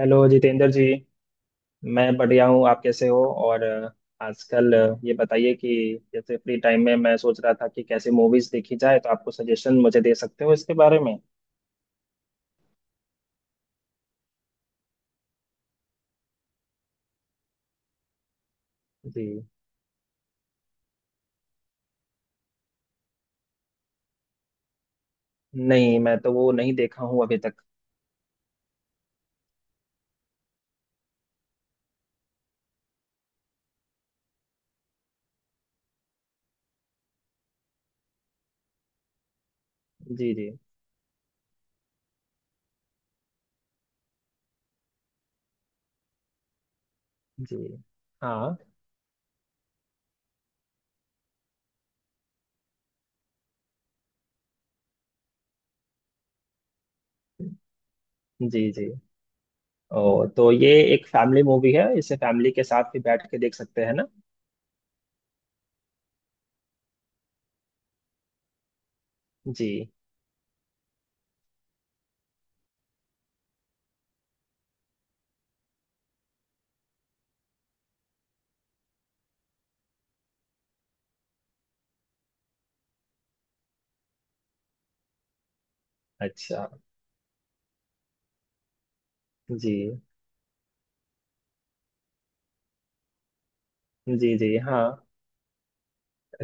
Hello Jitendra ji. मैं बढ़िया हूँ, आप कैसे हो? और आजकल ये बताइए कि जैसे फ्री टाइम में मैं सोच रहा था कि कैसे मूवीज देखी जाए, तो आपको सजेशन मुझे दे सकते हो इसके बारे में? जी। नहीं, मैं तो वो नहीं देखा हूँ अभी तक। जी जी। जी हाँ। जी जी। ओ, तो ये एक फैमिली मूवी है, इसे फैमिली के साथ भी बैठ के देख सकते हैं ना? जी। अच्छा। जी जी। जी हाँ।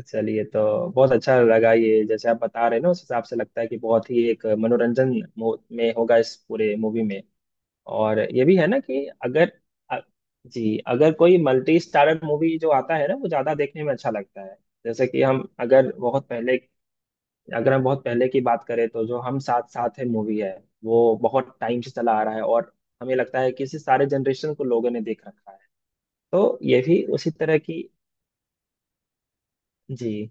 चलिए। तो बहुत अच्छा लगा, ये जैसे आप बता रहे हैं ना उस हिसाब से लगता है कि बहुत ही एक मनोरंजन में होगा इस पूरे मूवी में। और ये भी है ना कि अगर अ- जी, अगर कोई मल्टी स्टारर मूवी जो आता है ना वो ज्यादा देखने में अच्छा लगता है। जैसे कि हम अगर बहुत पहले अगर हम बहुत पहले की बात करें तो जो हम साथ साथ है मूवी है, वो बहुत टाइम से चला आ रहा है, और हमें लगता है कि इसे सारे जनरेशन को लोगों ने देख रखा है। तो ये भी उसी तरह की। जी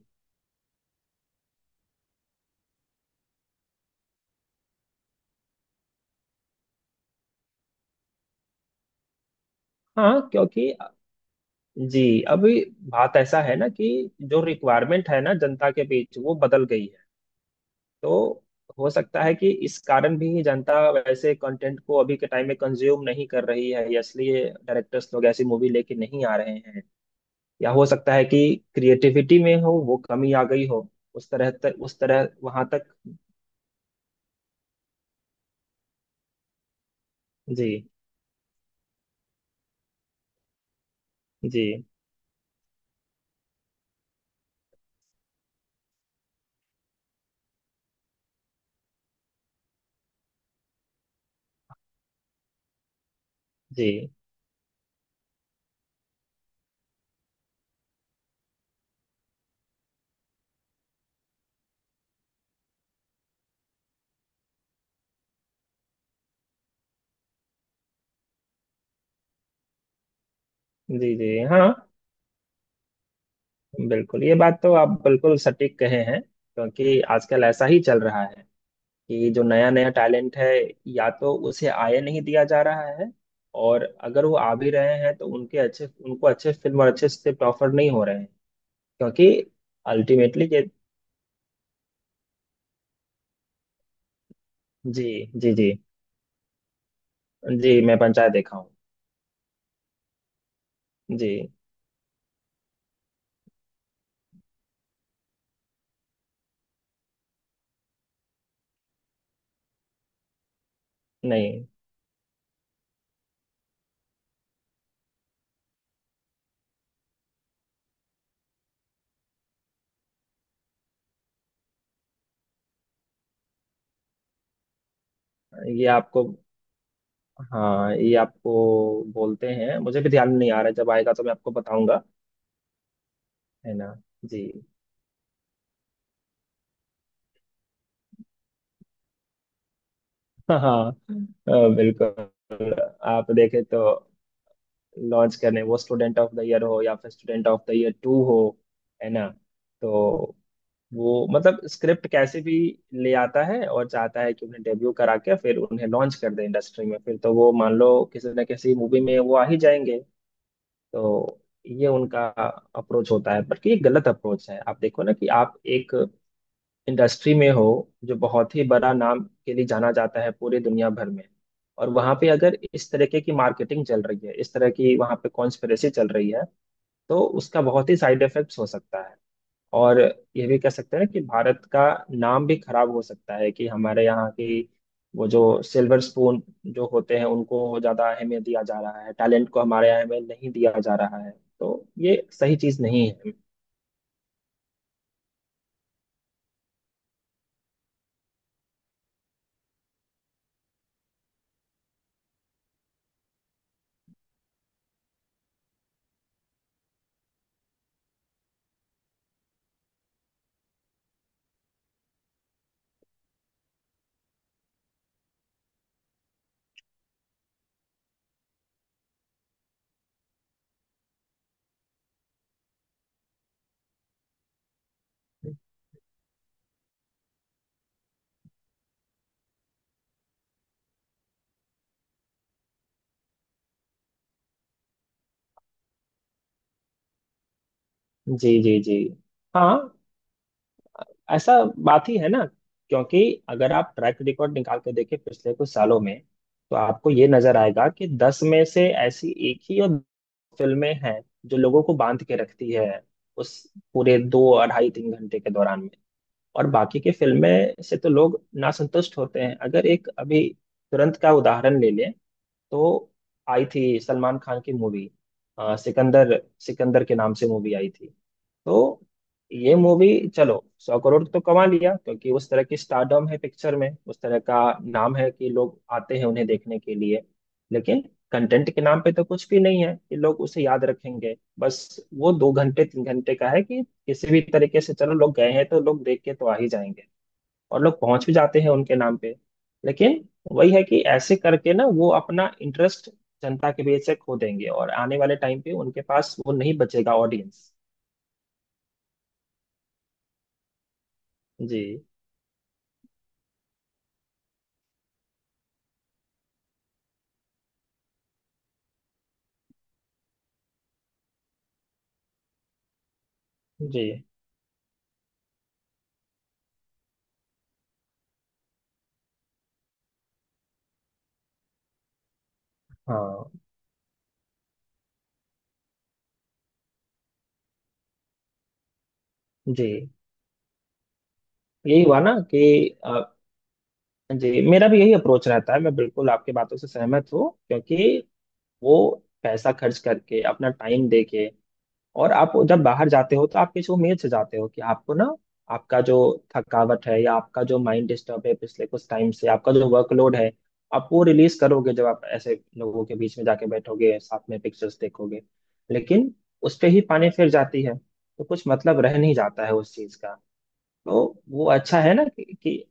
हाँ क्योंकि जी अभी बात ऐसा है ना कि जो रिक्वायरमेंट है ना जनता के बीच, वो बदल गई है। तो हो सकता है कि इस कारण भी जनता वैसे कंटेंट को अभी के टाइम में कंज्यूम नहीं कर रही है, या इसलिए डायरेक्टर्स लोग ऐसी मूवी लेके नहीं आ रहे हैं, या हो सकता है कि क्रिएटिविटी में हो वो कमी आ गई हो उस तरह तक, उस तरह वहां तक। जी जी। जी जी। जी हाँ बिल्कुल। ये बात तो आप बिल्कुल सटीक कहे हैं, क्योंकि आजकल ऐसा ही चल रहा है कि जो नया नया टैलेंट है या तो उसे आए नहीं दिया जा रहा है, और अगर वो आ भी रहे हैं तो उनके अच्छे उनको अच्छे फिल्म और अच्छे स्क्रिप्ट ऑफर नहीं हो रहे हैं, क्योंकि अल्टीमेटली ये। जी जी। जी जी मैं पंचायत देखा हूँ। जी नहीं। ये आपको हाँ, ये आपको बोलते हैं, मुझे भी ध्यान नहीं आ रहा है। जब आएगा तो मैं आपको बताऊंगा। है ना? जी। हाँ हाँ बिल्कुल। आप देखे तो लॉन्च करने वो स्टूडेंट ऑफ द ईयर हो या फिर Student of the Year two हो, है ना? तो वो मतलब स्क्रिप्ट कैसे भी ले आता है और चाहता है कि उन्हें डेब्यू करा के फिर उन्हें लॉन्च कर दे इंडस्ट्री में, फिर तो वो मान लो किसी न किसी मूवी में वो आ ही जाएंगे। तो ये उनका अप्रोच होता है, बल्कि ये गलत अप्रोच है। आप देखो ना कि आप एक इंडस्ट्री में हो जो बहुत ही बड़ा नाम के लिए जाना जाता है पूरी दुनिया भर में, और वहां पे अगर इस तरीके की मार्केटिंग चल रही है, इस तरह की वहां पे कॉन्स्पिरेसी चल रही है, तो उसका बहुत ही साइड इफेक्ट्स हो सकता है। और ये भी कह सकते हैं कि भारत का नाम भी खराब हो सकता है कि हमारे यहाँ की वो जो सिल्वर स्पून जो होते हैं उनको ज्यादा अहमियत दिया जा रहा है, टैलेंट को हमारे यहाँ में नहीं दिया जा रहा है, तो ये सही चीज नहीं है। जी जी। जी हाँ ऐसा बात ही है ना, क्योंकि अगर आप ट्रैक रिकॉर्ड निकाल के देखें पिछले कुछ सालों में तो आपको ये नजर आएगा कि दस में से ऐसी एक ही और दो फिल्में हैं जो लोगों को बांध के रखती है उस पूरे दो अढ़ाई तीन घंटे के दौरान में, और बाकी की फिल्में से तो लोग नासंतुष्ट होते हैं। अगर एक अभी तुरंत का उदाहरण ले लें, तो आई थी सलमान खान की मूवी सिकंदर सिकंदर के नाम से मूवी आई थी। तो ये मूवी चलो 100 करोड़ तो कमा लिया क्योंकि उस तरह की स्टारडम है पिक्चर में, उस तरह का नाम है कि लोग आते हैं उन्हें देखने के लिए, लेकिन कंटेंट के नाम पे तो कुछ भी नहीं है कि लोग उसे याद रखेंगे। बस वो दो घंटे तीन घंटे का है कि किसी भी तरीके से चलो लोग गए हैं तो लोग देख के तो आ ही जाएंगे, और लोग पहुंच भी जाते हैं उनके नाम पे। लेकिन वही है कि ऐसे करके ना वो अपना इंटरेस्ट जनता के बीच से खो देंगे, और आने वाले टाइम पे उनके पास वो नहीं बचेगा ऑडियंस। जी जी हाँ। जी यही हुआ ना कि अ, जी, मेरा भी यही अप्रोच रहता है। मैं बिल्कुल आपकी बातों से सहमत हूँ, क्योंकि वो पैसा खर्च करके अपना टाइम देके, और आप जब बाहर जाते हो तो आप किसी उम्मीद से जाते हो कि आपको ना आपका जो थकावट है या आपका जो माइंड डिस्टर्ब है पिछले कुछ टाइम से, आपका जो वर्कलोड है, आप वो रिलीज करोगे जब आप ऐसे लोगों के बीच में जाके बैठोगे साथ में पिक्चर्स देखोगे। लेकिन उस पे ही पानी फिर जाती है, तो कुछ मतलब रह नहीं जाता है उस चीज का। तो वो अच्छा है ना कि।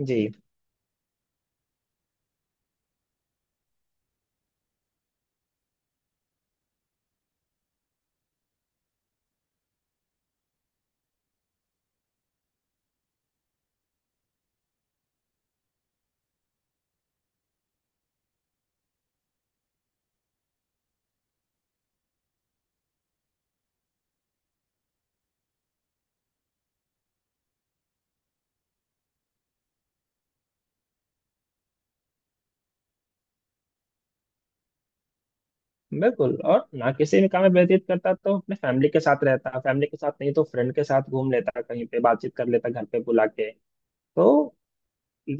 जी बिल्कुल। और ना किसी भी काम में व्यतीत करता तो अपने फैमिली के साथ रहता, फैमिली के साथ नहीं तो फ्रेंड के साथ घूम लेता, कहीं पे बातचीत कर लेता, घर पे बुला के। तो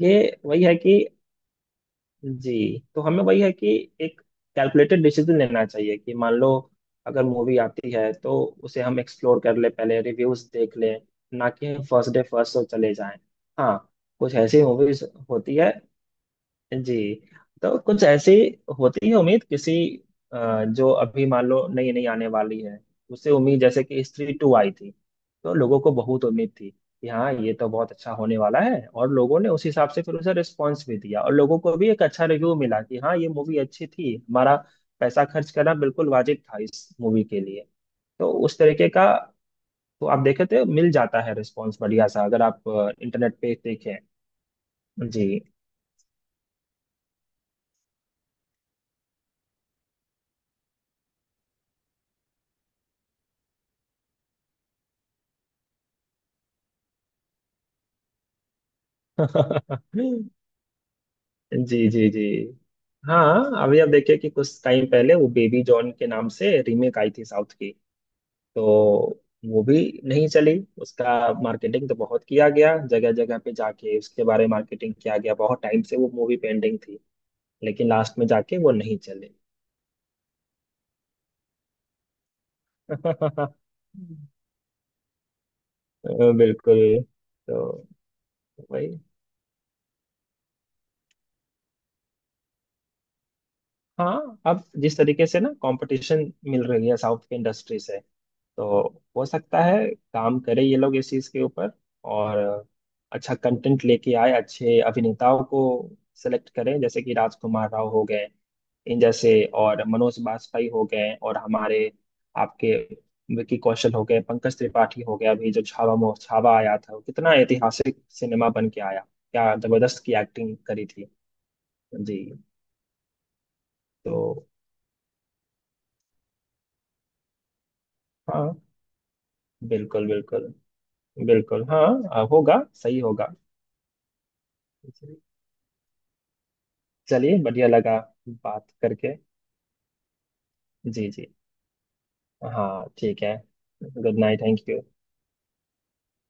ये वही है कि जी, तो हमें वही है कि एक कैलकुलेटेड डिसीजन लेना चाहिए कि मान लो अगर मूवी आती है तो उसे हम एक्सप्लोर कर ले, पहले रिव्यूज देख लें, ना कि फर्स्ट डे फर्स्ट शो चले जाएं। हाँ। कुछ ऐसी मूवीज होती है। जी। तो कुछ ऐसी होती है उम्मीद किसी, जो अभी मान लो नई नई आने वाली है, उससे उम्मीद, जैसे कि स्त्री टू आई थी, तो लोगों को बहुत उम्मीद थी कि हाँ ये तो बहुत अच्छा होने वाला है, और लोगों ने उस हिसाब से फिर उसे रिस्पॉन्स भी दिया, और लोगों को भी एक अच्छा रिव्यू मिला कि हाँ ये मूवी अच्छी थी, हमारा पैसा खर्च करना बिल्कुल वाजिब था इस मूवी के लिए। तो उस तरीके का। तो आप देखे तो मिल जाता है रिस्पॉन्स बढ़िया सा अगर आप इंटरनेट पे देखें। जी। जी जी। जी हाँ। अभी आप देखिए कि कुछ टाइम पहले वो बेबी जॉन के नाम से रीमेक आई थी साउथ की, तो वो भी नहीं चली। उसका मार्केटिंग तो बहुत किया गया, जगह जगह पे जाके उसके बारे में मार्केटिंग किया गया, बहुत टाइम से वो मूवी पेंडिंग थी, लेकिन लास्ट में जाके वो नहीं चले। बिल्कुल। तो वही। हाँ, अब जिस तरीके से ना कंपटीशन मिल रही है साउथ की इंडस्ट्री से, तो हो सकता है काम करे ये लोग इस चीज के ऊपर, और अच्छा कंटेंट लेके आए, अच्छे अभिनेताओं को सेलेक्ट करें, जैसे कि राजकुमार राव हो गए, इन जैसे और मनोज बाजपेयी हो गए, और हमारे आपके विकी कौशल हो गए, पंकज त्रिपाठी हो गए। अभी जो छावा मो छावा आया था, वो कितना ऐतिहासिक सिनेमा बन के आया, क्या जबरदस्त की एक्टिंग करी थी। जी। तो हाँ बिल्कुल। बिल्कुल बिल्कुल हाँ, होगा, सही होगा। चलिए, बढ़िया लगा बात करके। जी जी हाँ ठीक है। Good night. Thank you.